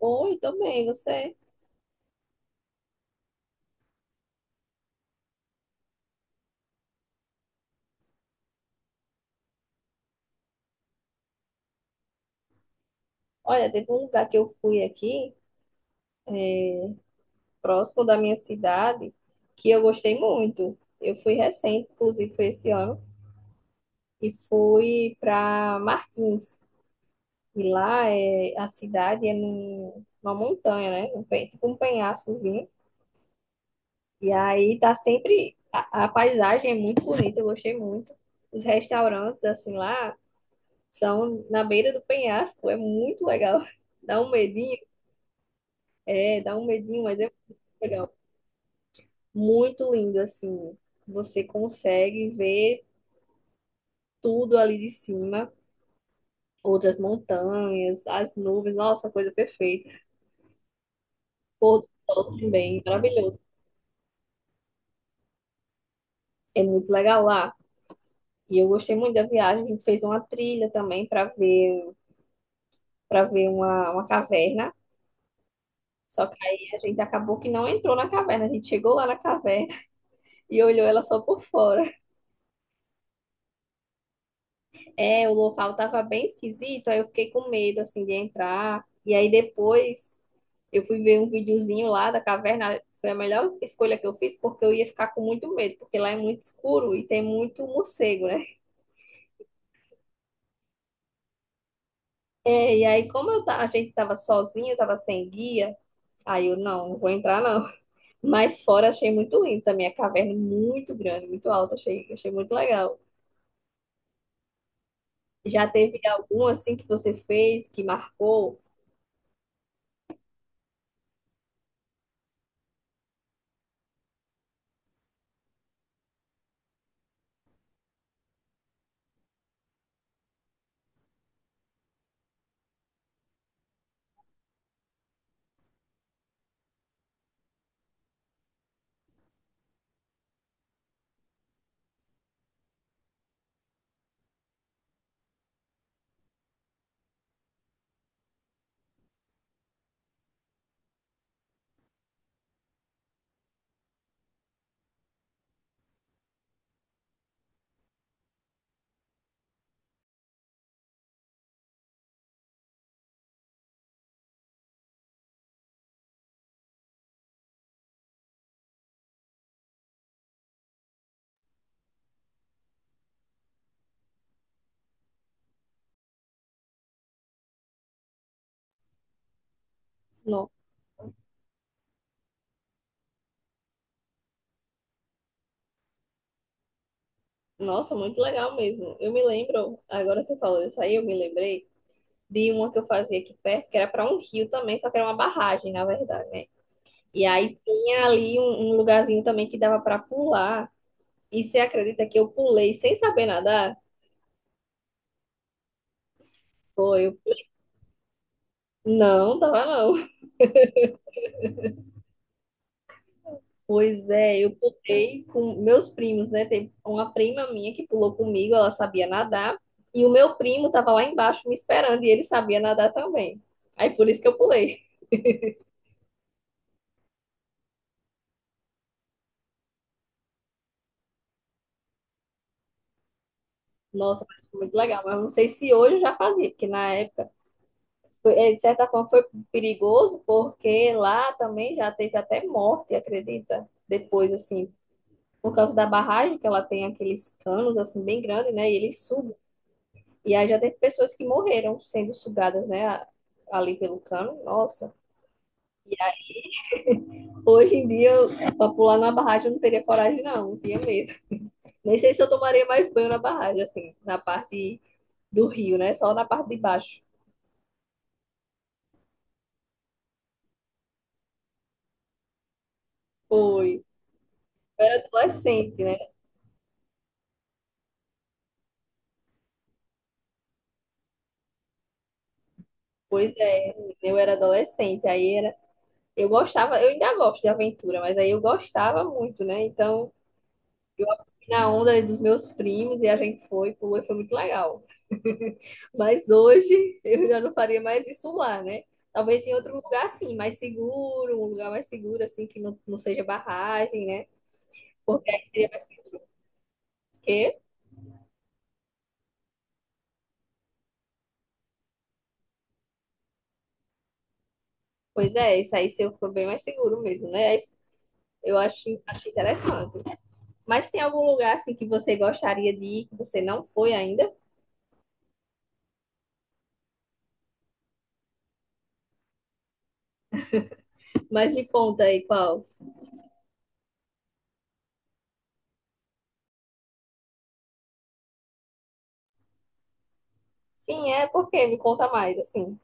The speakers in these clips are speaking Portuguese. Oi, tô bem, você? Olha, teve um lugar que eu fui aqui, próximo da minha cidade, que eu gostei muito. Eu fui recente, inclusive foi esse ano, e fui para Martins. E lá é a cidade numa montanha, né? Tipo um penhascozinho. E aí tá sempre a paisagem é muito bonita, eu gostei muito. Os restaurantes assim lá são na beira do penhasco, é muito legal. Dá um medinho, é, dá um medinho, mas é muito legal. Muito lindo, assim. Você consegue ver tudo ali de cima, outras montanhas, as nuvens, nossa, coisa perfeita. Pôr do sol também, maravilhoso. É muito legal lá. E eu gostei muito da viagem. A gente fez uma trilha também para ver uma caverna. Só que aí a gente acabou que não entrou na caverna. A gente chegou lá na caverna e olhou ela só por fora. É, o local tava bem esquisito, aí eu fiquei com medo assim de entrar. E aí depois eu fui ver um videozinho lá da caverna, foi a melhor escolha que eu fiz, porque eu ia ficar com muito medo, porque lá é muito escuro e tem muito morcego, né? É, e aí, a gente tava sozinho, eu tava sem guia, aí eu não vou entrar não. Mas fora achei muito lindo também, a caverna muito grande, muito alta, achei muito legal. Já teve algum assim que você fez, que marcou? No- Nossa, muito legal mesmo. Eu me lembro, agora você falou isso aí, eu me lembrei de uma que eu fazia aqui perto, que era para um rio também, só que era uma barragem, na verdade, né? E aí tinha ali um lugarzinho também que dava para pular. E você acredita que eu pulei sem saber nadar? Foi, eu... Não, tava não. Pois é, eu pulei com meus primos, né? Teve uma prima minha que pulou comigo, ela sabia nadar. E o meu primo tava lá embaixo me esperando e ele sabia nadar também. Aí por isso que eu pulei. Nossa, mas foi muito legal. Mas não sei se hoje eu já fazia, porque na época de certa forma, foi perigoso, porque lá também já teve até morte, acredita? Depois, assim, por causa da barragem, que ela tem aqueles canos, assim, bem grandes, né? E eles sugam. E aí já teve pessoas que morreram sendo sugadas, né? Ali pelo cano. Nossa. Hoje em dia, para pular na barragem, eu não teria coragem, não. Não tinha medo. Nem sei se eu tomaria mais banho na barragem, assim, na parte do rio, né? Só na parte de baixo. Foi. Eu era adolescente, né? Pois é, eu era adolescente. Aí era. Eu gostava, eu ainda gosto de aventura, mas aí eu gostava muito, né? Então eu fui na onda ali dos meus primos e a gente foi, pulou e foi muito legal. Mas hoje eu já não faria mais isso lá, né? Talvez em outro lugar assim, mais seguro, um lugar mais seguro, assim, que não seja barragem, né? Porque aí seria mais seguro. Porque, pois é, isso aí seria bem mais seguro mesmo, né? Aí eu acho interessante. Mas tem algum lugar assim que você gostaria de ir, que você não foi ainda? Mas me conta aí qual. Sim, é porque me conta mais, assim.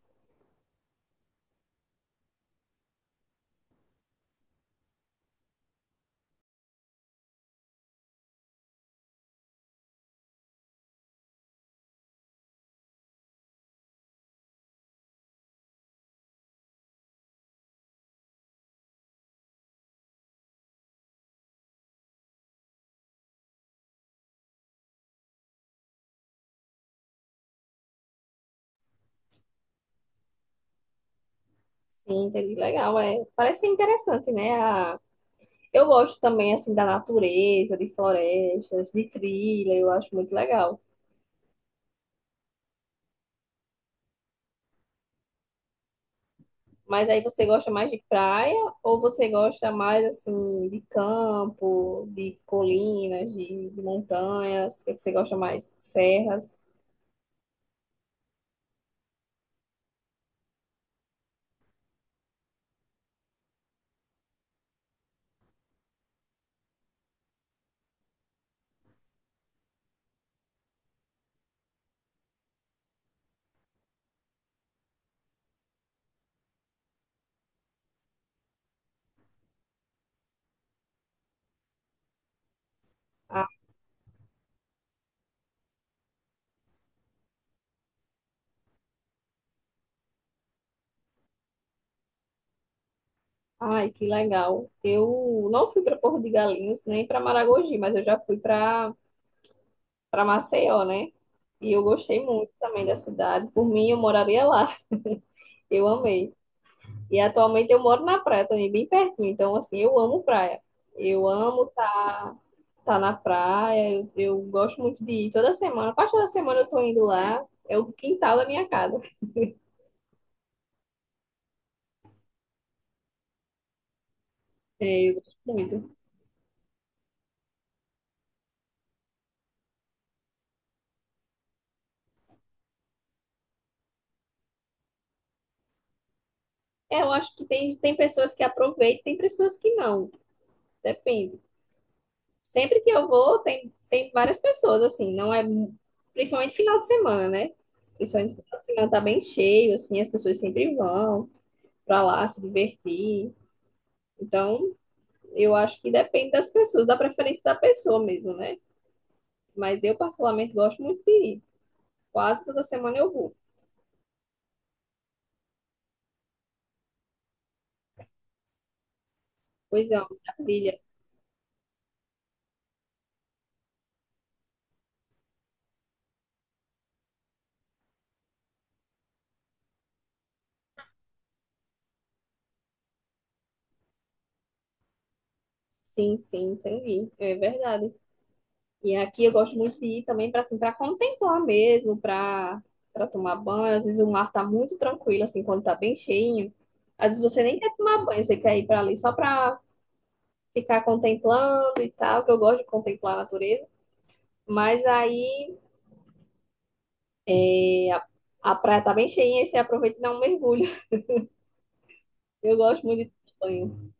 Sim, entendi. Legal, é. Parece ser interessante, né? A... Eu gosto também, assim, da natureza, de florestas, de trilha, eu acho muito legal. Mas aí você gosta mais de praia ou você gosta mais, assim, de campo, de colinas, de montanhas? O que é que você gosta mais? Serras? Ah, ai, que legal. Eu não fui para Porto de Galinhos nem para Maragogi, mas eu já fui para Maceió, né? E eu gostei muito também da cidade. Por mim, eu moraria lá. Eu amei. E atualmente eu moro na praia também, bem pertinho. Então, assim, eu amo praia. Eu amo estar na praia. Eu gosto muito de ir toda semana. Quase toda semana eu tô indo lá. É o quintal da minha casa. É, eu gosto muito. É, eu acho que tem pessoas que aproveitam, tem pessoas que não. Depende. Sempre que eu vou, tem várias pessoas, assim, não é. Principalmente final de semana, né? Principalmente final de semana tá bem cheio, assim, as pessoas sempre vão pra lá se divertir. Então, eu acho que depende das pessoas, da preferência da pessoa mesmo, né? Mas eu, particularmente, gosto muito de ir. Quase toda semana eu vou. Pois é, uma maravilha. Sim, sim, entendi. É verdade. E aqui eu gosto muito de ir também para assim, para contemplar mesmo, para tomar banho. Às vezes o mar tá muito tranquilo assim quando tá bem cheinho. Às vezes você nem quer tomar banho, você quer ir para ali só para ficar contemplando e tal, que eu gosto de contemplar a natureza. Mas aí é, a, a praia tá bem cheinha e você aproveita e dá um mergulho. Eu gosto muito de tomar banho.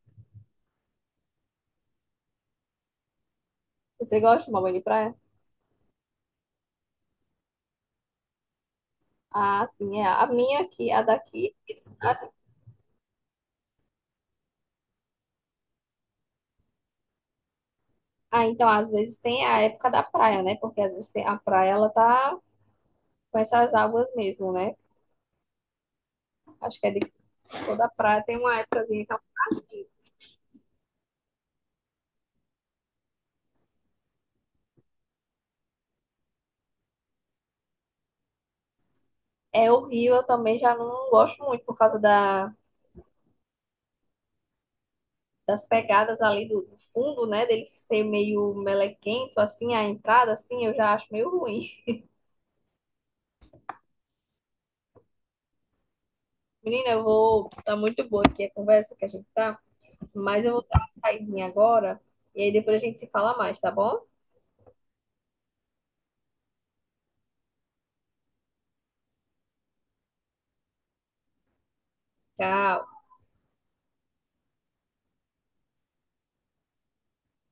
Você gosta de tomar banho de praia? Ah, sim, é. A minha aqui, a daqui. Ah, então às vezes tem a época da praia, né? Porque às vezes tem, a praia ela tá com essas águas mesmo, né? Acho que é de toda praia tem uma épocazinha que é horrível. É, o eu também já não gosto muito por causa das pegadas ali do fundo, né? Dele ser meio melequento, assim, a entrada, assim, eu já acho meio ruim. Menina, eu vou. Tá muito boa aqui a conversa que a gente tá, mas eu vou dar uma saidinha agora e aí depois a gente se fala mais, tá bom? Tchau.